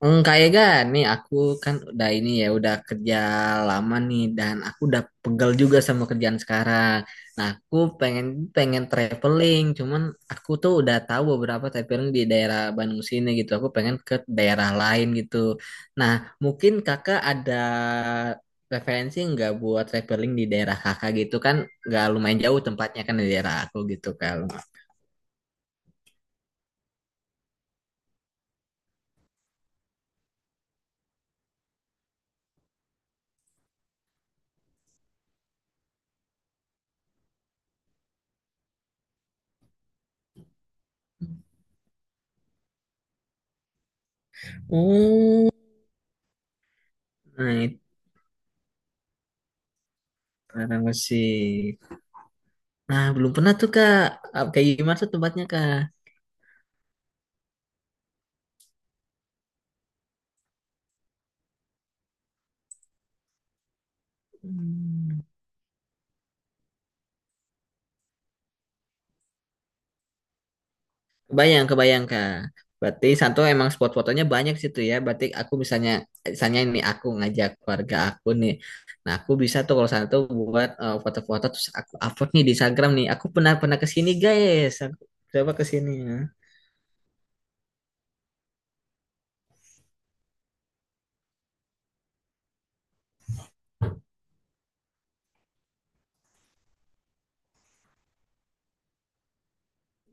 Kayak gak nih aku kan udah ini ya udah kerja lama nih dan aku udah pegel juga sama kerjaan sekarang. Nah aku pengen pengen traveling, cuman aku tuh udah tahu beberapa traveling di daerah Bandung sini gitu. Aku pengen ke daerah lain gitu. Nah mungkin kakak ada referensi nggak buat traveling di daerah kakak gitu kan? Nggak lumayan jauh tempatnya kan di daerah aku gitu kalau. Oh, nah itu sih. Nah, belum pernah tuh Kak. Kayak gimana tuh tempatnya Kak? Hmm. Kebayang, kebayang Kak. Berarti Santo emang spot fotonya banyak situ ya. Berarti aku misalnya, misalnya ini aku ngajak keluarga aku nih. Nah, aku bisa tuh kalau Santo buat foto-foto terus aku upload nih di Instagram nih. Aku pernah pernah ke sini guys. Aku coba ke sini ya.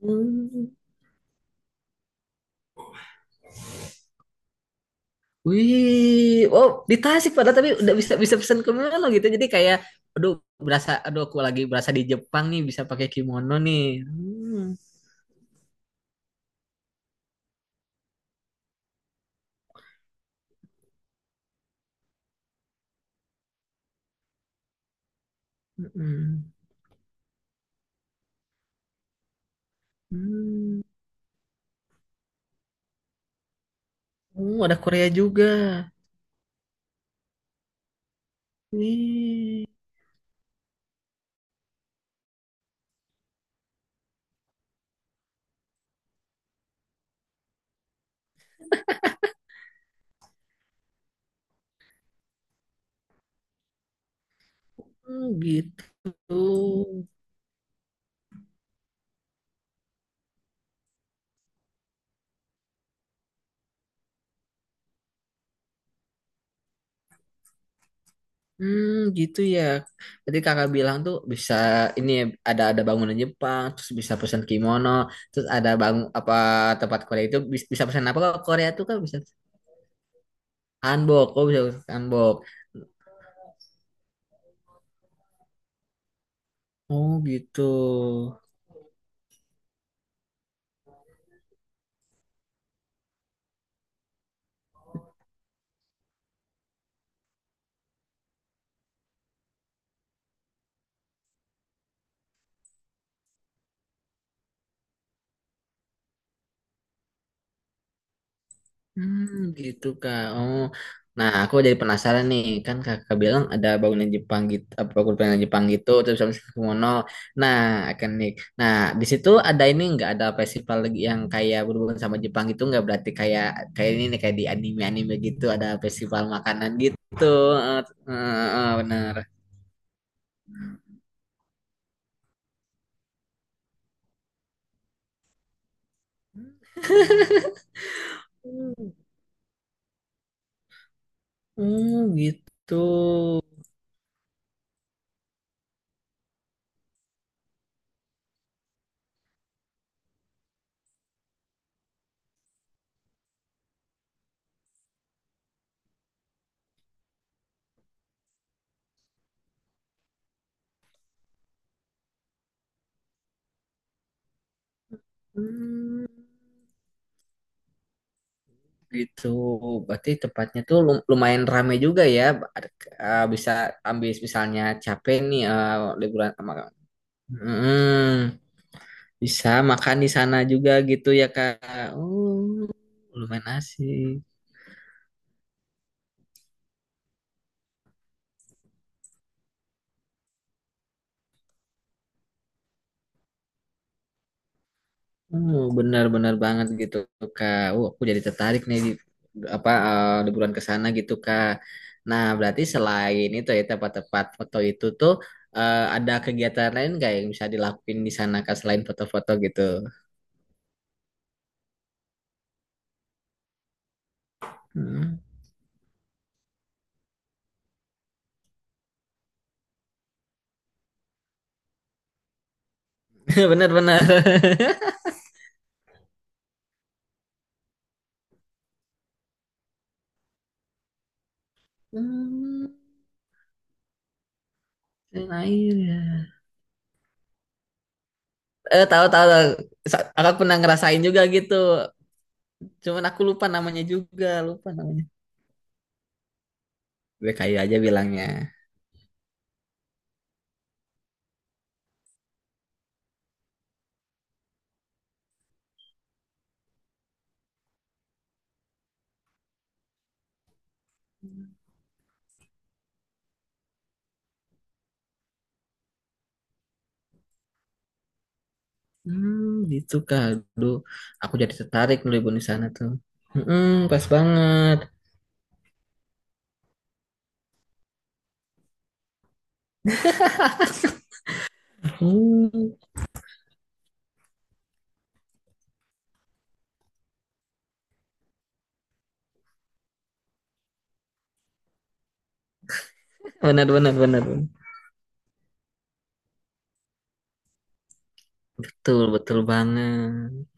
Hmm. Wih, oh di Tasik padahal tapi udah bisa bisa pesan ke Manado gitu. Jadi kayak, aduh berasa, aduh aku lagi berasa di Jepang nih bisa pakai kimono nih. Hmm. Mm-mm. Hmm. Oh, ada Korea juga. Wih, hmm, gitu. Hmm, gitu ya. Berarti kakak bilang tuh bisa ini ya, ada bangunan Jepang, terus bisa pesan kimono, terus ada bangun apa tempat Korea itu bisa pesan apa? Kalau Korea tuh kan bisa hanbok, kok bisa pesan hanbok. Oh, gitu. Hmm, gitu Kak. Oh. Nah, aku jadi penasaran nih. Kan Kakak bilang ada bangunan Jepang gitu, apa bangunan Jepang gitu terus sama Kumono. Nah, akan nih. Nah, di situ ada ini nggak ada festival lagi yang kayak berhubungan sama Jepang gitu nggak berarti kayak kayak ini nih kayak di anime-anime gitu ada festival makanan gitu. Eh, bener. Hmm, gitu. Hmm. Gitu, berarti tempatnya tuh lumayan rame juga ya. Ada- bisa ambil misalnya capek nih liburan sama Mm, bisa makan di sana juga gitu ya Kak. Oh, lumayan asik. Oh, benar-benar banget gitu Kak. Oh, aku jadi tertarik nih di apa liburan ke sana gitu Kak. Nah, berarti selain itu ya tempat-tempat foto itu tuh ada kegiatan lain nggak yang bisa dilakuin di sana Kak selain foto-foto gitu? Hmm. Bener-bener. Yang air ya. Eh tahu tahu tahu. Aku pernah ngerasain juga gitu. Cuman aku lupa namanya juga, lupa namanya. BKI aja bilangnya. Hmm, gitu kak. Aduh, aku jadi tertarik dulu ibu di sana tuh. Hmm, pas banget. Hmm, benar benar benar. Betul betul banget.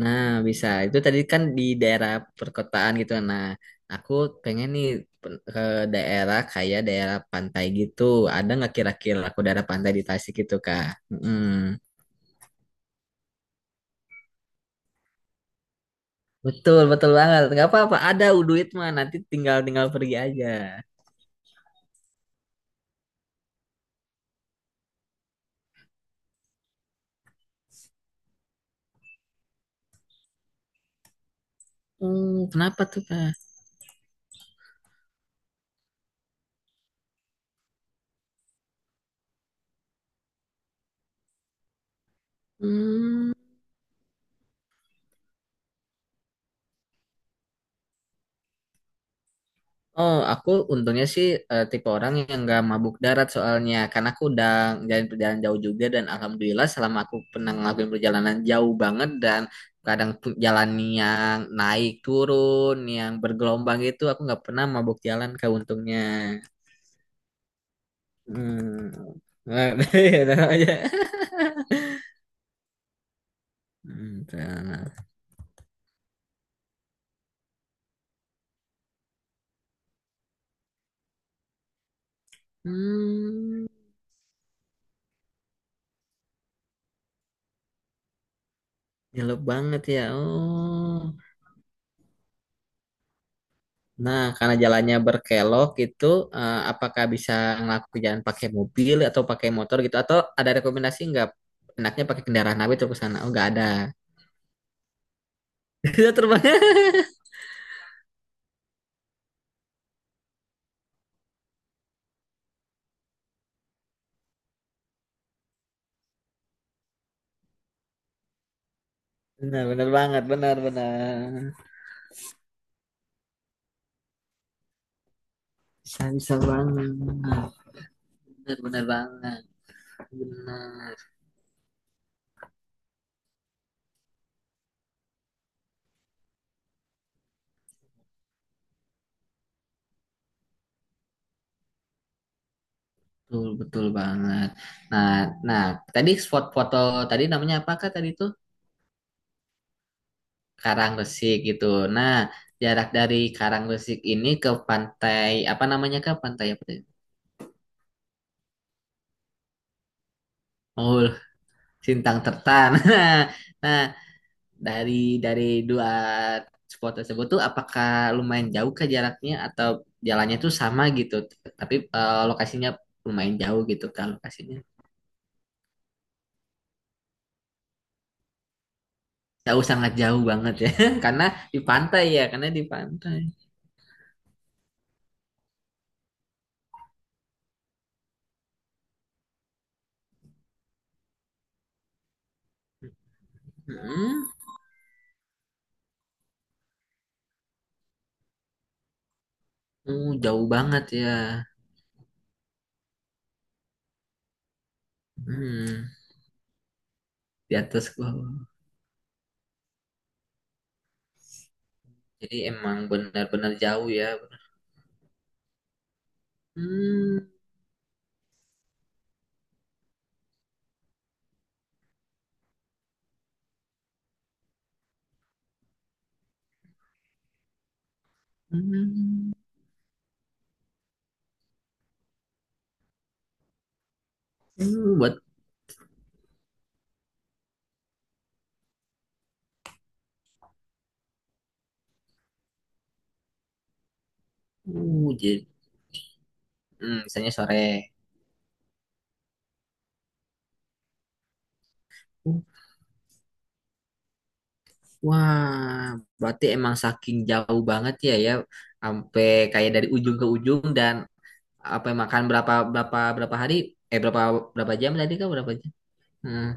Nah, bisa. Itu tadi kan di daerah perkotaan gitu. Nah, aku pengen nih ke daerah kayak daerah pantai gitu. Ada nggak kira-kira aku daerah pantai di Tasik gitu, Kak? Mm. Betul, betul banget. Nggak apa-apa. Ada duit mah. Nanti tinggal tinggal pergi aja. Hmm, kenapa tuh, Kak? Hmm. Oh, aku untungnya sih tipe orang yang nggak mabuk darat soalnya karena aku udah ngejalanin perjalanan jauh juga dan alhamdulillah selama aku pernah ngelakuin perjalanan jauh banget dan kadang jalan yang naik turun yang bergelombang itu aku nggak pernah mabuk jalan ke untungnya. Hmm. Nah, itu aja. Hmm, nah. Hmm, nyelup banget ya. Oh. Nah, karena jalannya berkelok gitu, apakah bisa ngelakuin jalan pakai mobil atau pakai motor gitu? Atau ada rekomendasi nggak? Enaknya pakai kendaraan apa itu ke sana? Oh, nggak ada. Bisa terbang. Benar, benar banget, benar, benar. Bisa, bisa banget. Benar, benar banget. Benar, betul, betul banget. Nah, nah, tadi spot foto tadi namanya apakah tadi itu? Karangresik gitu. Nah, jarak dari Karangresik ini ke pantai apa namanya kak? Pantai apa? Oh, Sintang Tertan. Nah, dari dari dua spot tersebut tuh apakah lumayan jauh ke jaraknya atau jalannya tuh sama gitu, tapi lokasinya lumayan jauh gitu kan lokasinya. Jauh sangat jauh banget ya, karena di pantai ya, karena di pantai. Hmm, jauh banget ya. Hmm, di atas gua. Jadi emang benar-benar jauh ya. Hmm, hmm, buat jadi, misalnya sore. Wah, berarti emang saking jauh banget ya ya, sampai kayak dari ujung ke ujung dan apa makan berapa berapa berapa hari? Eh berapa berapa jam tadi kan berapa jam? Hmm.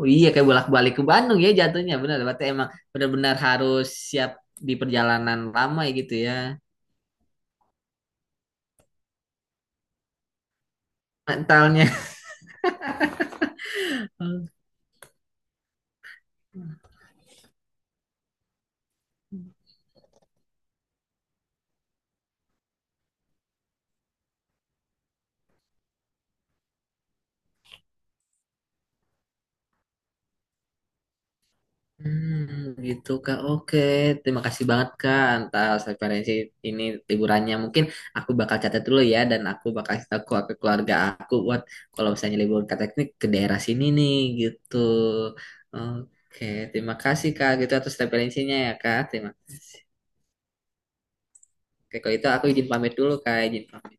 Oh iya kayak bolak-balik ke Bandung ya jatuhnya benar. Berarti emang benar-benar harus siap di perjalanan lama ya gitu ya mentalnya. Hmm, gitu Kak. Oke, terima kasih banget Kak atas referensi ini liburannya. Mungkin aku bakal catat dulu ya dan aku bakal kasih tahu ke keluarga aku buat kalau misalnya libur ke teknik ke daerah sini nih gitu. Oke, terima kasih Kak gitu atas referensinya ya Kak. Terima kasih. Oke, kalau itu aku izin pamit dulu Kak, izin pamit.